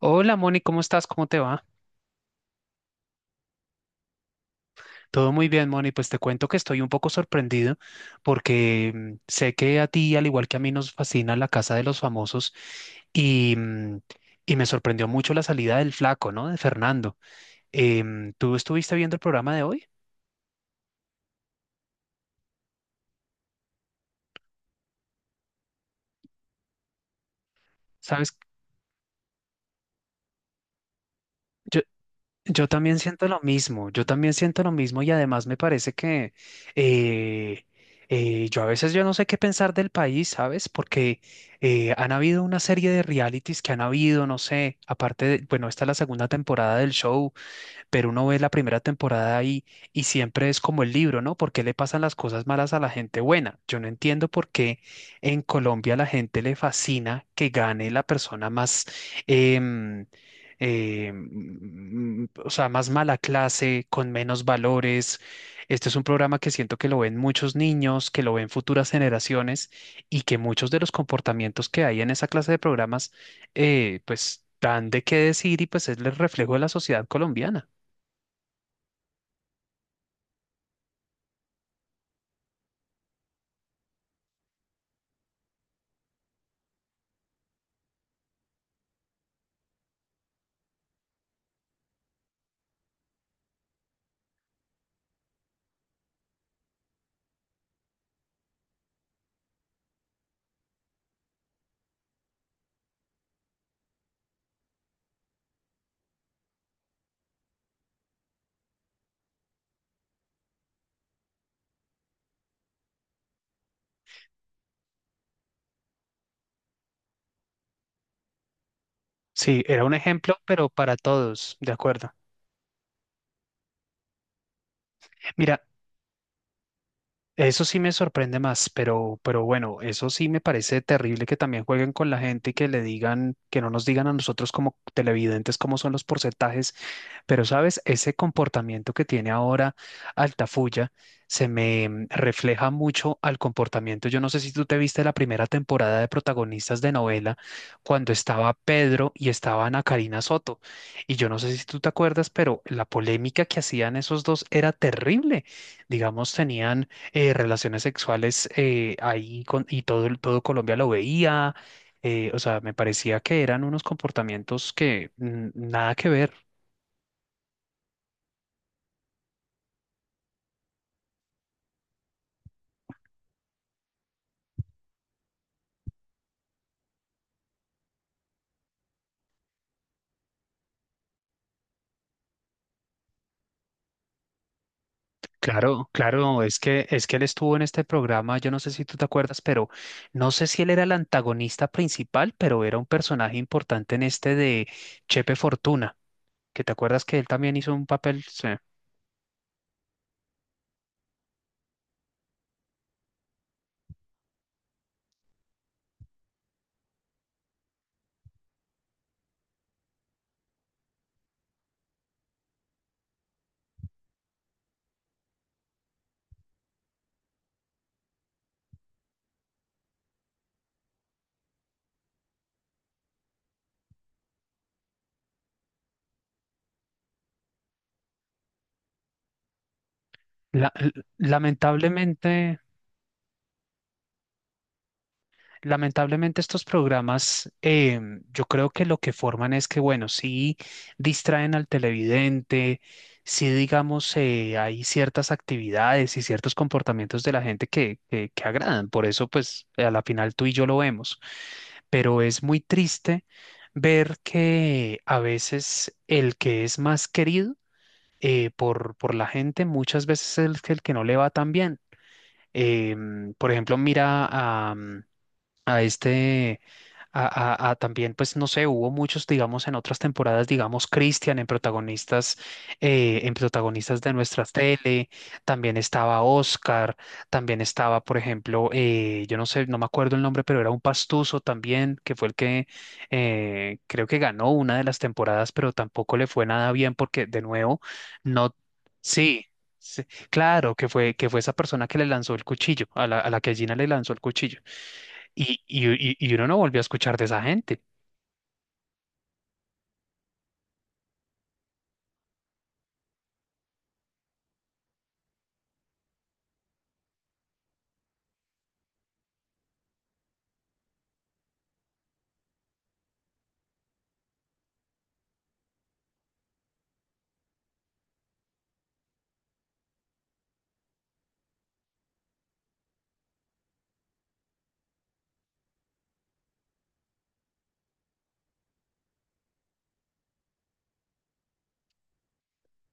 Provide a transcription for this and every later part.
Hola Moni, ¿cómo estás? ¿Cómo te va? Todo muy bien, Moni. Pues te cuento que estoy un poco sorprendido porque sé que a ti, al igual que a mí, nos fascina La Casa de los Famosos y, mm, y me sorprendió mucho la salida del flaco, ¿no? De Fernando. ¿Tú estuviste viendo el programa de hoy? ¿Sabes? Yo también siento lo mismo, yo también siento lo mismo y además me parece que eh, yo a veces yo no sé qué pensar del país, ¿sabes? Porque han habido una serie de realities que han habido, no sé, aparte de, bueno, esta es la segunda temporada del show, pero uno ve la primera temporada y siempre es como el libro, ¿no? ¿Por qué le pasan las cosas malas a la gente buena? Yo no entiendo por qué en Colombia a la gente le fascina que gane la persona más, em, o sea, más mala clase, con menos valores. Este es un programa que siento que lo ven muchos niños, que lo ven futuras generaciones y que muchos de los comportamientos que hay en esa clase de programas, pues dan de qué decir y pues es el reflejo de la sociedad colombiana. Sí, era un ejemplo, pero para todos, de acuerdo. Mira, eso sí me sorprende más, pero bueno, eso sí me parece terrible que también jueguen con la gente y que le digan, que no nos digan a nosotros como televidentes cómo son los porcentajes, pero sabes, ese comportamiento que tiene ahora Altafulla se me refleja mucho al comportamiento. Yo no sé si tú te viste la primera temporada de protagonistas de novela cuando estaba Pedro y estaba Ana Karina Soto. Y yo no sé si tú te acuerdas, pero la polémica que hacían esos dos era terrible. Digamos, tenían relaciones sexuales ahí con, y todo, todo Colombia lo veía. O sea, me parecía que eran unos comportamientos que nada que ver. Claro, claro, es que él estuvo en este programa, yo no sé si tú te acuerdas, pero no sé si él era el antagonista principal, pero era un personaje importante en este de Chepe Fortuna, que te acuerdas que él también hizo un papel, sí. La- l- lamentablemente Lamentablemente estos programas, yo creo que lo que forman es que, bueno, sí distraen al televidente, sí digamos, hay ciertas actividades y ciertos comportamientos de la gente que agradan. Por eso, pues, a la final tú y yo lo vemos. Pero es muy triste ver que a veces el que es más querido por la gente, muchas veces es el que no le va tan bien. Por ejemplo, mira a este, a también, pues no sé, hubo muchos, digamos, en otras temporadas, digamos, Christian en protagonistas de nuestra tele, también estaba Oscar, también estaba, por ejemplo, yo no sé, no me acuerdo el nombre, pero era un pastuso también, que fue el que creo que ganó una de las temporadas, pero tampoco le fue nada bien porque, de nuevo, no, sí. Sí, claro, que fue esa persona que le lanzó el cuchillo, a la que Gina le lanzó el cuchillo y uno no volvió a escuchar de esa gente.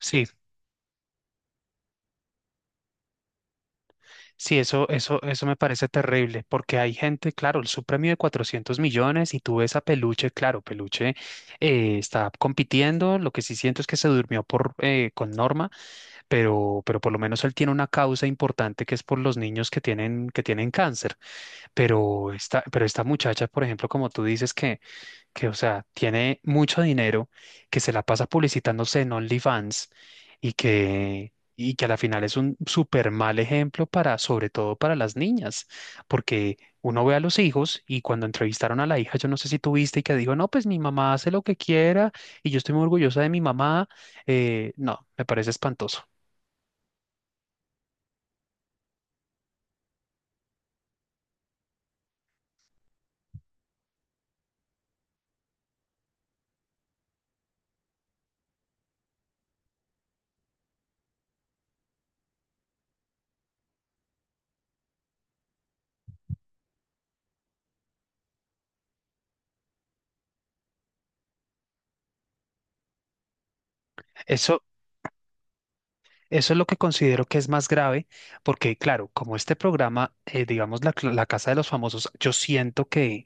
Sí, sí, eso me parece terrible, porque hay gente, claro, el premio de 400 millones y tú ves a Peluche, claro, Peluche está compitiendo, lo que sí siento es que se durmió por, con Norma, pero por lo menos él tiene una causa importante que es por los niños que tienen cáncer, pero esta muchacha, por ejemplo, como tú dices, que, o sea, tiene mucho dinero, que se la pasa publicitándose en OnlyFans y que a la final es un súper mal ejemplo para, sobre todo para las niñas, porque uno ve a los hijos y cuando entrevistaron a la hija, yo no sé si tú viste y que dijo, no, pues mi mamá hace lo que quiera y yo estoy muy orgullosa de mi mamá. No, me parece espantoso. eso Eso es lo que considero que es más grave, porque claro, como este programa, digamos, la Casa de los Famosos, yo siento que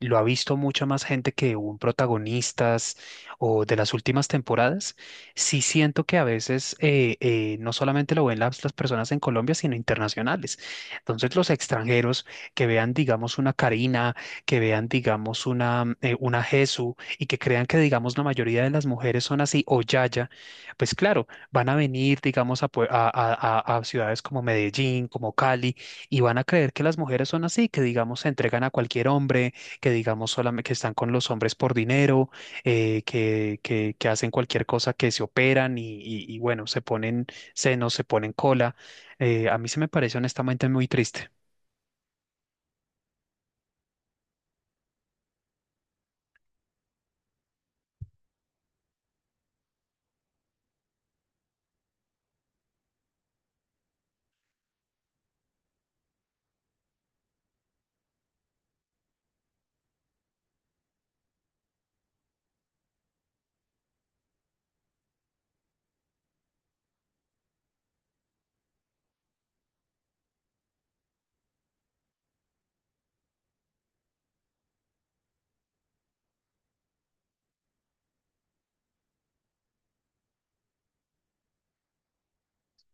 lo ha visto mucha más gente que un protagonistas o de las últimas temporadas. Sí siento que a veces no solamente lo ven las personas en Colombia, sino internacionales. Entonces, los extranjeros que vean, digamos, una Karina, que vean, digamos, una Jesu y que crean que, digamos, la mayoría de las mujeres son así o Yaya. Pues claro, van a venir, digamos, a, pue- a ciudades como Medellín, como Cali, y van a creer que las mujeres son así, que, digamos, se entregan a cualquier hombre, que, digamos, solamente que están con los hombres por dinero, que, que hacen cualquier cosa, que se operan y, y, bueno, se ponen senos, se ponen cola. A mí se me parece honestamente muy triste.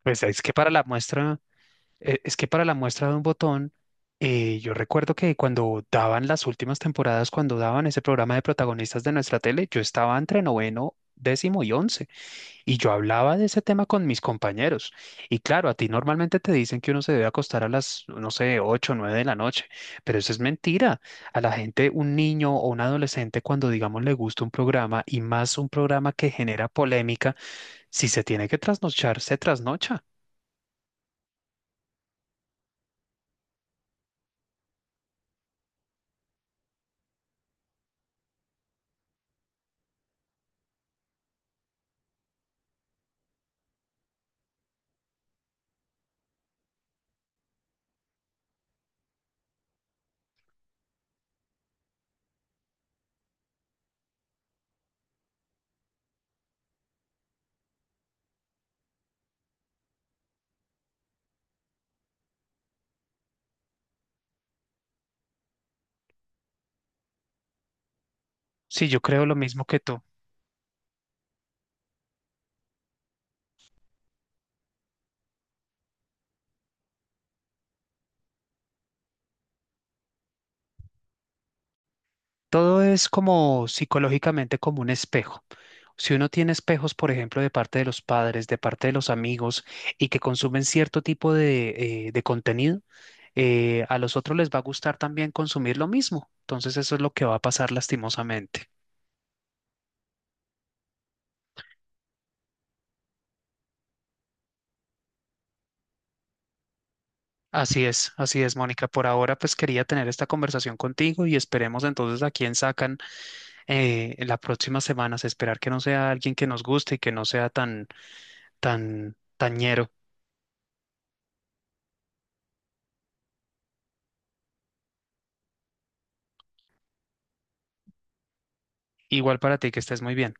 Pues es que para la muestra... Es que para la muestra de un botón, yo recuerdo que cuando daban las últimas temporadas, cuando daban ese programa de protagonistas de nuestra tele, yo estaba entre noveno, décimo y once, y yo hablaba de ese tema con mis compañeros. Y claro, a ti normalmente te dicen que uno se debe acostar a las, no sé, 8 o 9 de la noche, pero eso es mentira. A la gente, un niño o un adolescente, cuando digamos le gusta un programa y más un programa que genera polémica, si se tiene que trasnochar, se trasnocha. Sí, yo creo lo mismo que tú. Todo es como psicológicamente como un espejo. Si uno tiene espejos, por ejemplo, de parte de los padres, de parte de los amigos, y que consumen cierto tipo de contenido, a los otros les va a gustar también consumir lo mismo. Entonces eso es lo que va a pasar lastimosamente. Así es, Mónica. Por ahora, pues quería tener esta conversación contigo y esperemos entonces a quién sacan en las próximas semanas. Esperar que no sea alguien que nos guste y que no sea tan, tañero. Igual para ti, que estés muy bien.